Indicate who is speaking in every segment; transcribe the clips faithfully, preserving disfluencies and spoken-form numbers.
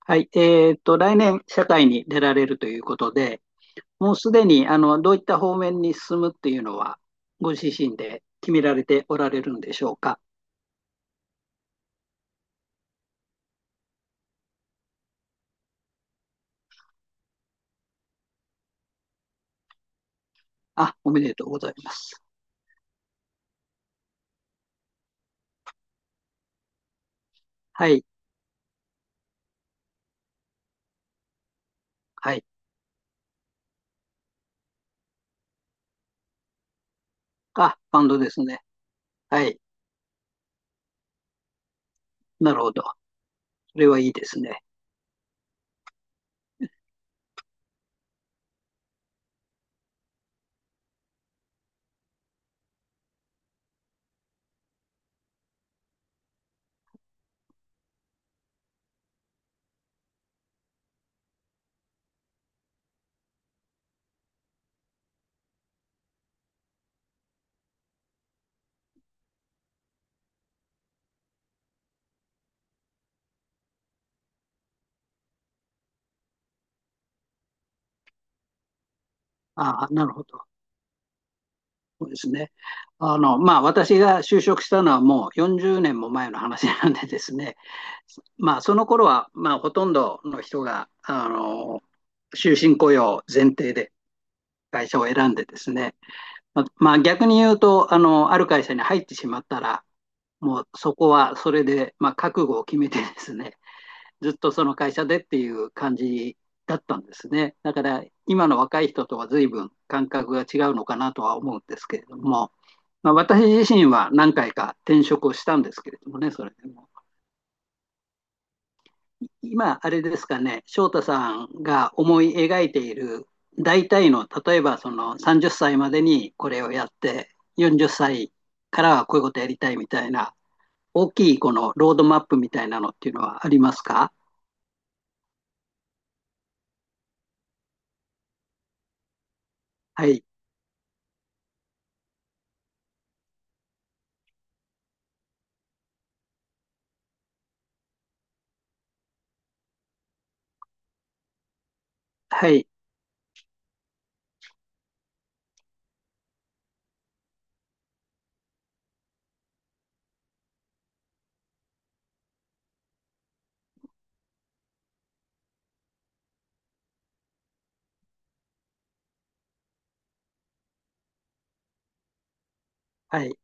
Speaker 1: はい。えーっと、来年、社会に出られるということで、もうすでに、あの、どういった方面に進むっていうのは、ご自身で決められておられるんでしょうか。あ、おめでとうございます。はい。はい。あ、バンドですね。はい。なるほど。それはいいですね。あ、なるほど。そうですね。あの、まあ、私が就職したのはもうよんじゅうねんも前の話なんでですね。まあ、その頃は、まあ、ほとんどの人が、あの、終身雇用前提で会社を選んでですね、ままあ、逆に言うとあの、ある会社に入ってしまったら、もうそこはそれで、まあ、覚悟を決めてですね、ずっとその会社でっていう感じだったんですね。だから今の若い人とは随分感覚が違うのかなとは思うんですけれども、まあ、私自身は何回か転職をしたんですけれどもね、それでも。今、あれですかね、翔太さんが思い描いている大体の、例えばそのさんじゅっさいまでにこれをやって、よんじゅっさいからはこういうことやりたいみたいな、大きいこのロードマップみたいなのっていうのはありますか？はい、はい、はい、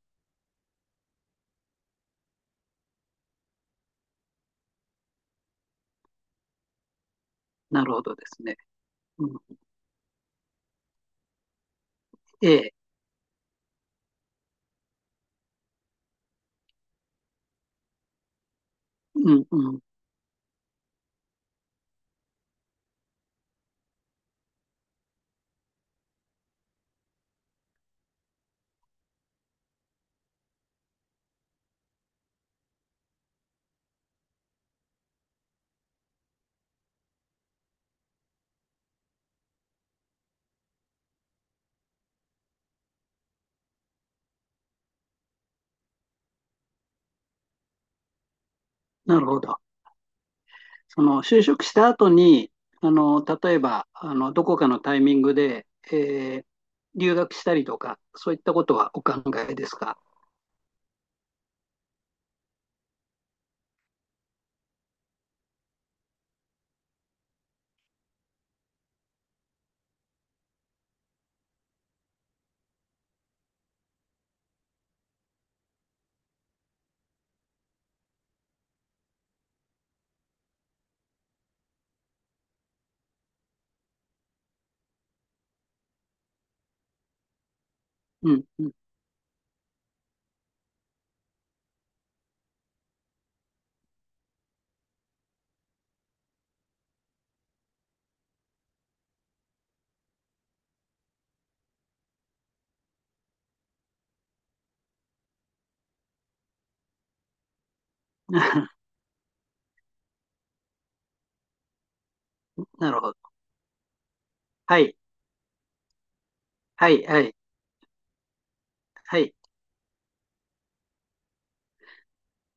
Speaker 1: なるほどですね。うん、ええ、うん、うん、なるほど。その就職した後に、あの例えばあのどこかのタイミングで、えー留学したりとか、そういったことはお考えですか？うん、うん。なるほど。はい、はい、はい、はい。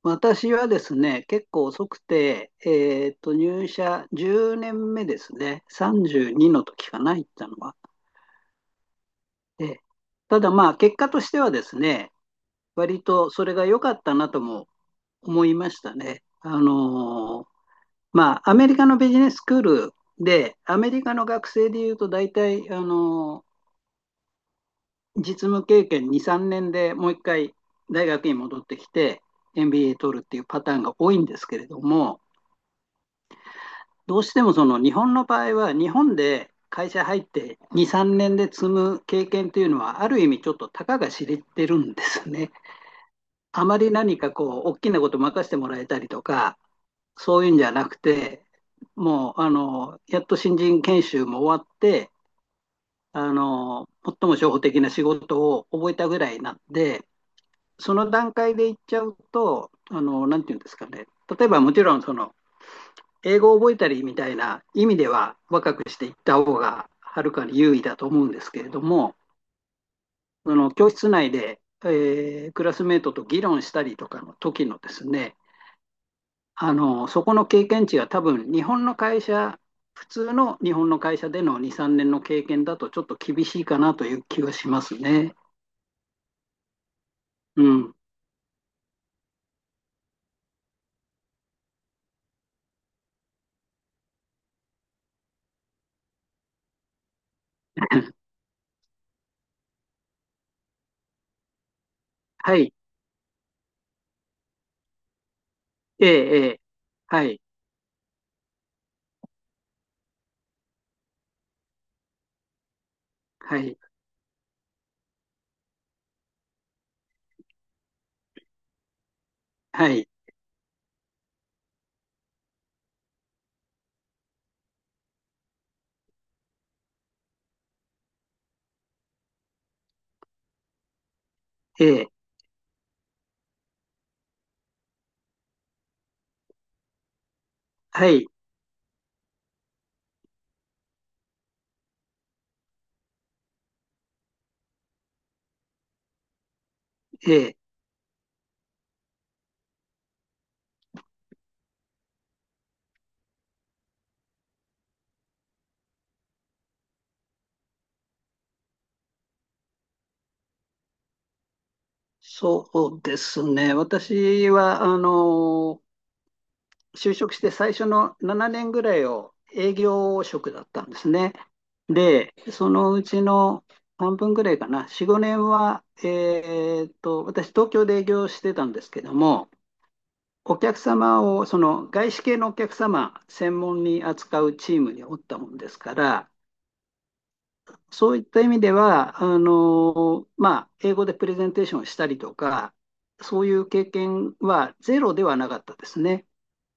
Speaker 1: 私はですね、結構遅くて、えっと、入社じゅうねんめですね。さんじゅうにの時かな、行ったのは。で、ただまあ、結果としてはですね、割とそれが良かったなとも思いましたね。あのーまあ、アメリカのビジネススクールで、アメリカの学生でいうと大体、あの実務経験に、さんねんでもう一回大学に戻ってきて エムビーエー 取るっていうパターンが多いんですけれども、どうしてもその日本の場合は日本で会社入ってに、さんねんで積む経験というのはある意味ちょっとたかが知れてるんですね。あまり何かこう大きなこと任せてもらえたりとかそういうんじゃなくてもうあのやっと新人研修も終わってあの最も初歩的な仕事を覚えたぐらいなんで、その段階でいっちゃうと、あの、なんていうんですかね、例えばもちろんその英語を覚えたりみたいな意味では若くしていった方がはるかに優位だと思うんですけれども、その教室内で、えークラスメートと議論したりとかの時のですね、あのそこの経験値が多分日本の会社、普通の日本の会社でのに、さんねんの経験だとちょっと厳しいかなという気がしますね。うん。はい。えええーはい。はい。はい。ええ、はい、ええ、そうですね。私は、あの、就職して最初のななねんぐらいを営業職だったんですね。で、そのうちの半分ぐらいかな、よん、ごねんは、えーっと、私、東京で営業してたんですけども、お客様を、その外資系のお客様専門に扱うチームにおったもんですから、そういった意味では、あの、まあ、英語でプレゼンテーションをしたりとか、そういう経験はゼロではなかったですね。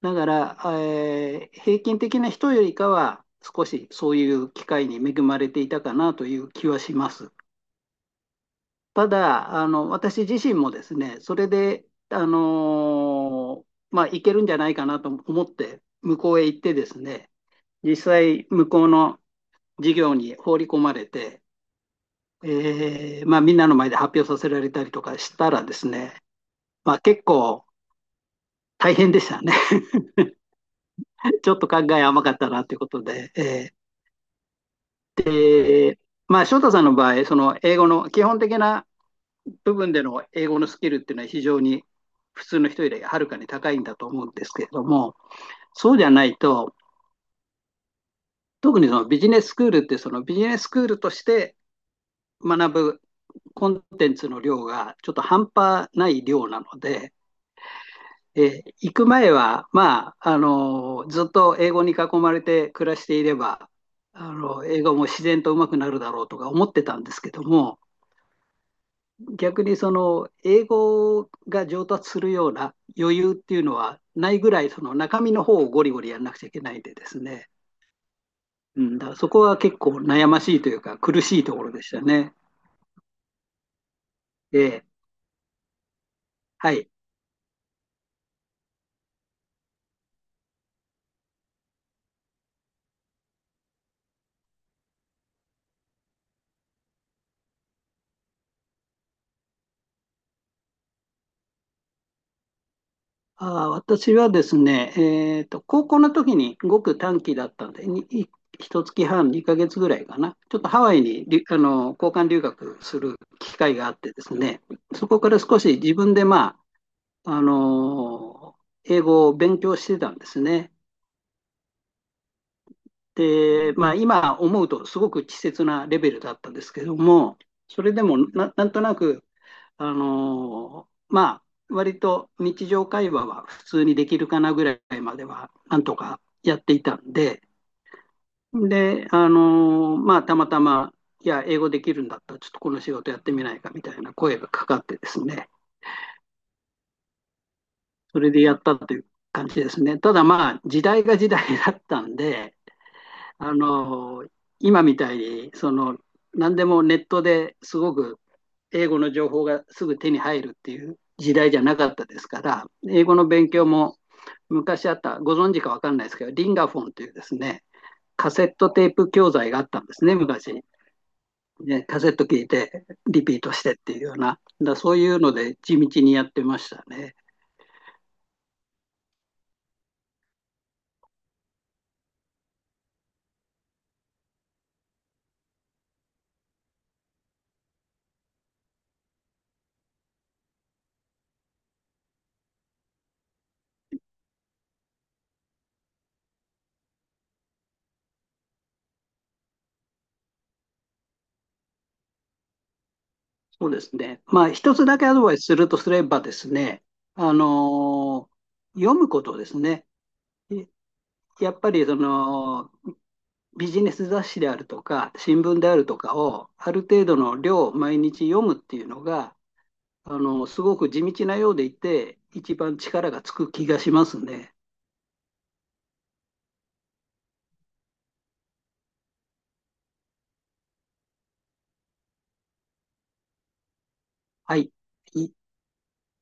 Speaker 1: だから、えー平均的な人よりかは、少しそういう機会に恵まれていたかなという気はします。ただ、あの、私自身もですね、それで、あのーまあ、いけるんじゃないかなと思って、向こうへ行ってですね、実際、向こうの事業に放り込まれて、えーまあ、みんなの前で発表させられたりとかしたらですね、まあ、結構大変でしたね。ちょっと考え甘かったなということで、えーえーまあ、翔太さんの場合、その英語の基本的な部分での英語のスキルっていうのは非常に普通の人よりはるかに高いんだと思うんですけれども、そうじゃないと、特にそのビジネススクールってそのビジネススクールとして学ぶコンテンツの量がちょっと半端ない量なので、えー行く前は、まあ、あのーずっと英語に囲まれて暮らしていれば、あの、英語も自然と上手くなるだろうとか思ってたんですけども、逆にその、英語が上達するような余裕っていうのはないぐらい、その中身の方をゴリゴリやんなくちゃいけないんでですね。うん、だからそこは結構悩ましいというか、苦しいところでしたね。えーはい。あー私はですね、えーと、高校の時にごく短期だったんで、にいいっかげつはん、にかげつぐらいかな、ちょっとハワイにりあの交換留学する機会があってですね、そこから少し自分で、まあ、あの英語を勉強してたんですね。で、まあ、今思うとすごく稚拙なレベルだったんですけども、それでもな、なんとなくあのーまあ、割と日常会話は普通にできるかなぐらいまでは、なんとかやっていたんで、で、あのーまあ、たまたま、いや、英語できるんだったら、ちょっとこの仕事やってみないかみたいな声がかかってですね、それでやったという感じですね。ただまあ、時代が時代だったんで、あのー今みたいに、その、何でもネットですごく英語の情報がすぐ手に入るっていう時代じゃなかったですから、英語の勉強も昔あった、ご存知か分かんないですけど、リンガフォンというですね、カセットテープ教材があったんですね、昔。ね、カセット聞いて、リピートしてっていうような、だそういうので地道にやってましたね。そうですね。まあ、一つだけアドバイスするとすればですね、あのー読むことですね。やっぱりそのビジネス雑誌であるとか、新聞であるとかを、ある程度の量毎日読むっていうのが、あの、すごく地道なようでいて、一番力がつく気がしますね。はい。い